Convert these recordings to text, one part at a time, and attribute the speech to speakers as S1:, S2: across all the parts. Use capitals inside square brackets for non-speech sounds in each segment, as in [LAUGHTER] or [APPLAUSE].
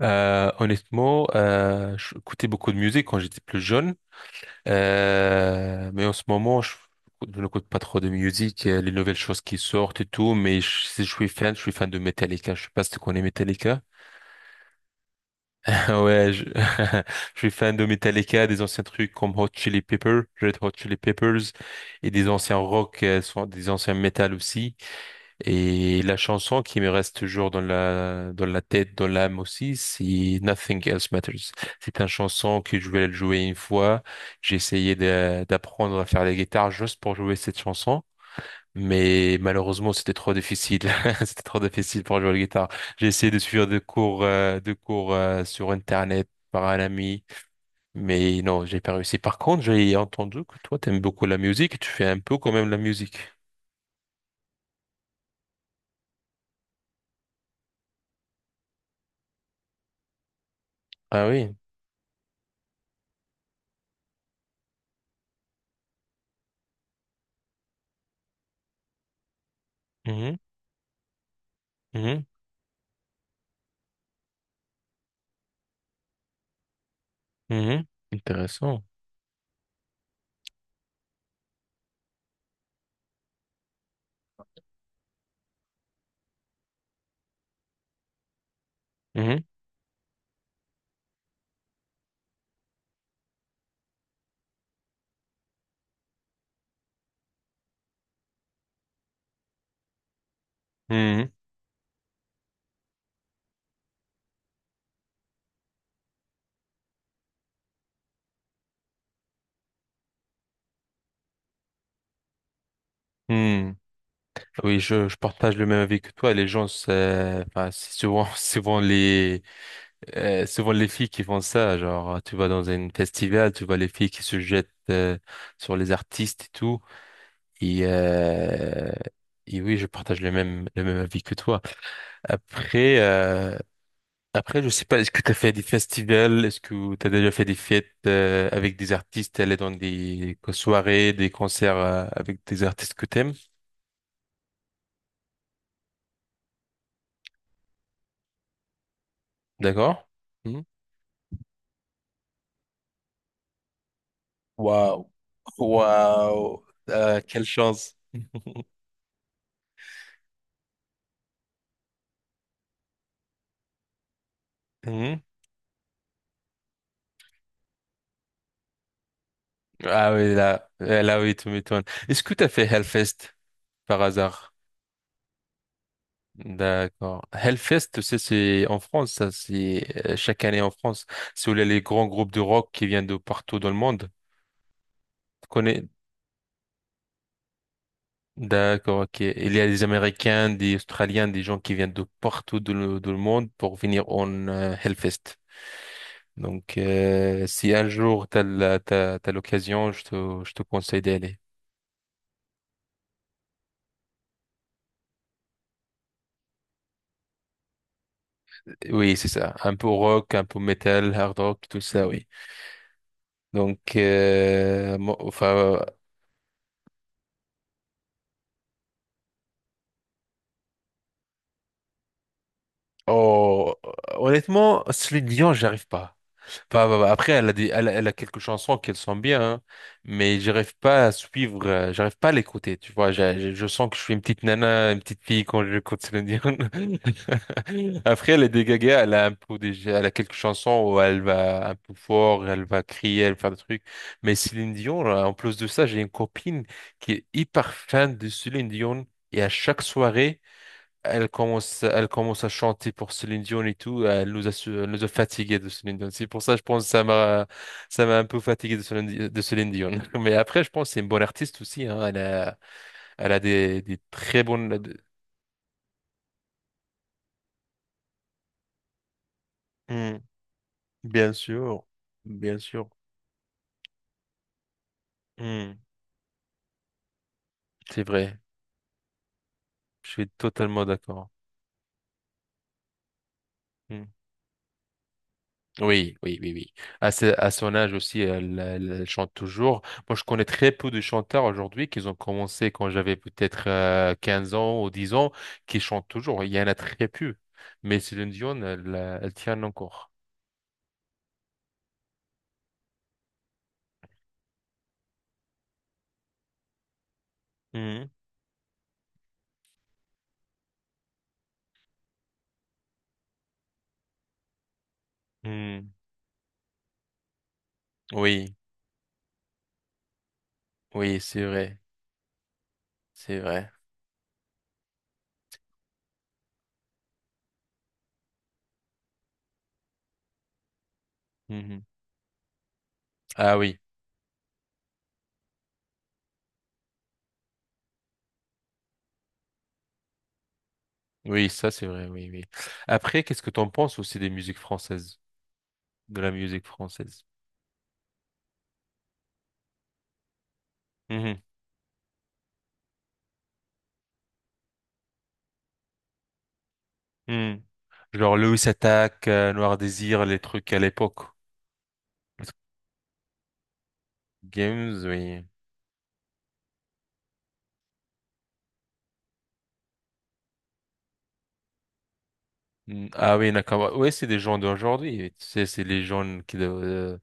S1: Honnêtement, j'écoutais beaucoup de musique quand j'étais plus jeune. Mais en ce moment, je n'écoute pas trop de musique, les nouvelles choses qui sortent et tout, mais si je suis fan, je suis fan de Metallica. Je sais pas si tu connais Metallica. [LAUGHS] Ouais, je, [LAUGHS] je suis fan de Metallica, des anciens trucs comme Red Hot Chili Peppers, et des anciens rock, des anciens metal aussi. Et la chanson qui me reste toujours dans la tête, dans l'âme aussi, c'est Nothing Else Matters. C'est une chanson que je voulais le jouer une fois. J'ai essayé d'apprendre à faire la guitare juste pour jouer cette chanson. Mais malheureusement, c'était trop difficile. [LAUGHS] C'était trop difficile pour jouer la guitare. J'ai essayé de suivre des cours, sur Internet par un ami. Mais non, j'ai pas réussi. Par contre, j'ai entendu que toi, t'aimes beaucoup la musique. Tu fais un peu quand même la musique. Ah oui. Mhm. Mhm. Mhm. Intéressant. Mhm. Mhm. Mhm. Oui, je partage le même avis que toi. Les gens, c'est enfin, c'est souvent, [LAUGHS] souvent les, filles qui font ça. Genre, tu vas dans un festival, tu vois les filles qui se jettent sur les artistes et tout. Et, euh, et oui, je partage le même avis que toi. Après, euh, Après, je sais pas, est-ce que tu as fait des festivals? Est-ce que tu as déjà fait des fêtes avec des artistes, aller dans des soirées, des concerts avec des artistes que t'aimes? D'accord? Mhm. Waouh. Waouh. Quelle chance. Mhm. Ah oui, là oui, tu m'étonnes. Est-ce que tu as fait Hellfest par hasard? D'accord. Hellfest, tu sais, c'est en France, ça, c'est chaque année en France. C'est où il y a les grands groupes de rock qui viennent de partout dans le monde. Tu connais. D'accord, ok. Il y a des Américains, des Australiens, des gens qui viennent de partout dans le monde pour venir en Hellfest. Donc, si un jour t'as t'as l'occasion, je te conseille d'aller. Oui, c'est ça. Un peu rock, un peu metal, hard rock, tout ça, oui. Donc, enfin, oh, honnêtement, celui de Lyon, j'arrive pas. Bah, après, elle a quelques chansons qu'elle sent bien, hein, mais j'arrive pas à suivre, j'arrive pas à l'écouter, tu vois. Je sens que je suis une petite nana, une petite fille quand j'écoute Céline Dion. [LAUGHS] Après, elle est dégagée, elle a un peu des, elle a quelques chansons où elle va un peu fort, elle va crier, elle va faire des trucs. Mais Céline Dion, là, en plus de ça, j'ai une copine qui est hyper fan de Céline Dion, et à chaque soirée, elle commence à chanter pour Céline Dion et tout. Elle nous a fatigués de Céline Dion. C'est pour ça, je pense, que ça m'a un peu fatigué de Céline Dion. [LAUGHS] Mais après, je pense que c'est une bonne artiste aussi, hein. Elle a des très bonnes. Hmm, bien sûr, bien sûr. Hmm, c'est vrai. Je suis totalement d'accord. Hmm. Oui, oui, oui, oui. À son âge aussi, elle chante toujours. Moi, je connais très peu de chanteurs aujourd'hui qui ont commencé quand j'avais peut-être 15 ans ou 10 ans, qui chantent toujours. Il y en a très peu. Mais Céline Dion, elle tient encore. Mhm. Mhm. Oui, oui, c'est vrai, c'est vrai. Mhm. Ah oui, oui, ça c'est vrai, oui, oui. Après, qu'est-ce que t'en penses aussi des musiques françaises, de la musique française? Mhm. Mhm. Genre Louis Attaque, Noir Désir, les trucs à l'époque. Games, oui. Mm, ah oui, Nakama. Oui, c'est des gens d'aujourd'hui. Tu sais, c'est les jeunes qui doivent,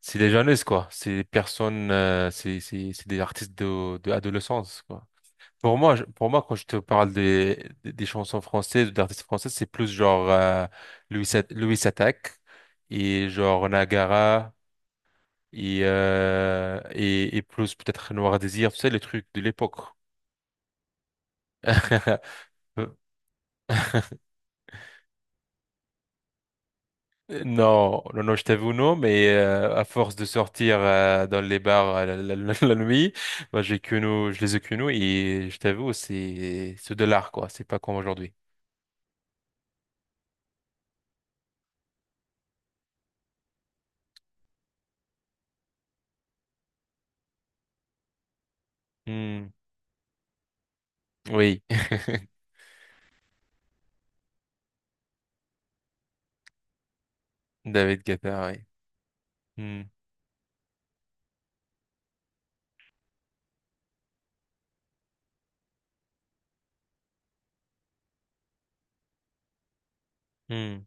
S1: c'est les jeunes, quoi. C'est des personnes, c'est des artistes de adolescence, quoi. Pour moi, pour moi, quand je te parle des chansons françaises, d'artistes français, c'est plus genre, Louis Attaque et genre Nagara et plus peut-être Noir Désir, tu sais, les trucs de l'époque. [LAUGHS] Non, non, non, je t'avoue non, mais à force de sortir dans les bars [LAUGHS] la nuit, bah, j'ai que nous, je les ai que nous et je t'avoue, c'est ce dollar quoi, c'est pas comme aujourd'hui. Hmm, oui, [LAUGHS] David Guetta, oui. Hmm, hmm.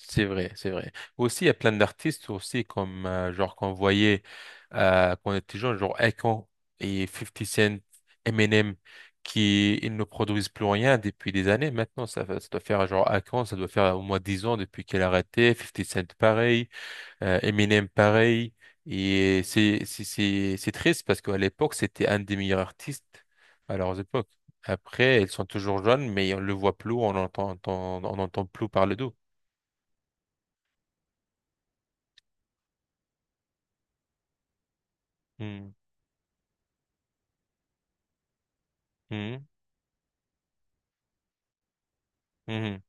S1: C'est vrai, c'est vrai. Aussi, il y a plein d'artistes aussi, comme genre qu'on voyait quand on était jeune, genre Akon et Fifty Cent, Eminem, qui ils ne produisent plus rien depuis des années. Maintenant, ça doit faire genre Akon, ça doit faire au moins 10 ans depuis qu'elle a arrêté. Fifty Cent, pareil. Eminem, pareil. Et c'est triste parce qu'à l'époque, c'était un des meilleurs artistes à leurs époques. Après, ils sont toujours jeunes, mais on le voit plus, on entend plus parler d'eux. Hmm. Mhm, mhm,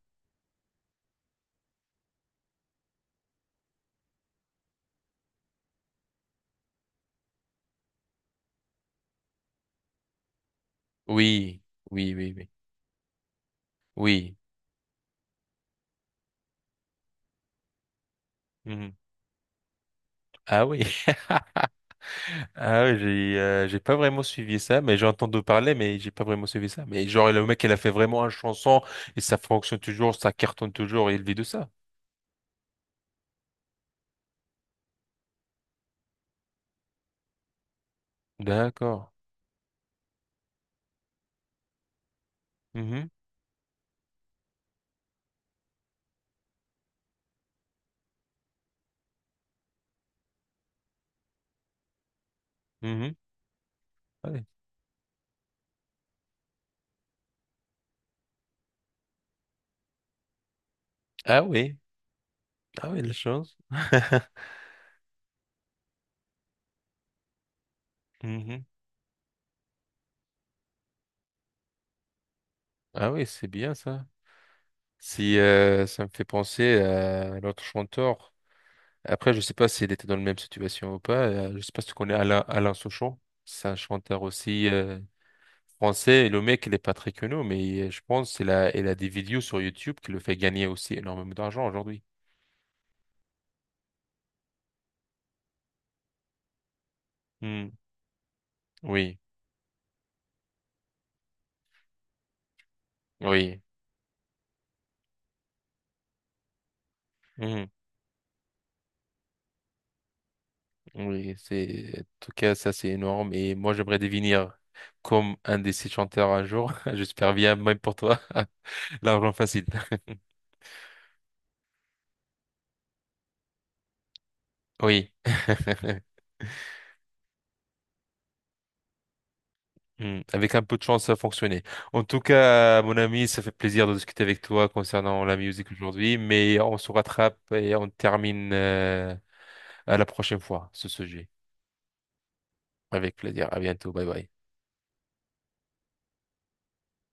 S1: oui, oui, oui, oui. Oui. Mhm. Ah oui. [LAUGHS] Ah oui, j'ai pas vraiment suivi ça, mais j'ai entendu parler, mais j'ai pas vraiment suivi ça. Mais genre, le mec, il a fait vraiment un chanson et ça fonctionne toujours, ça cartonne toujours et il vit de ça. D'accord. Mhm, mhm, ouais. Ah oui. Ah oui, la chance. [LAUGHS] Mhm. Ah oui, c'est bien ça. Si ça me fait penser à l'autre chanteur. Après, je sais pas s'il était dans la même situation ou pas. Je sais pas si tu connais Alain Souchon. C'est un chanteur aussi français. Et le mec, il est pas très connu, mais je pense qu'il a des vidéos sur YouTube qui le fait gagner aussi énormément d'argent aujourd'hui. Hmm. Oui, oui, hmm. Oui. En tout cas, ça, c'est énorme. Et moi, j'aimerais devenir comme un de ces chanteurs un jour. [LAUGHS] J'espère bien, même pour toi. [LAUGHS] L'argent facile. Oui. [LAUGHS] Hmm. Avec un peu de chance, ça a fonctionné. En tout cas, mon ami, ça fait plaisir de discuter avec toi concernant la musique aujourd'hui, mais on se rattrape et on termine à la prochaine fois ce sujet. Avec plaisir. À bientôt. Bye bye.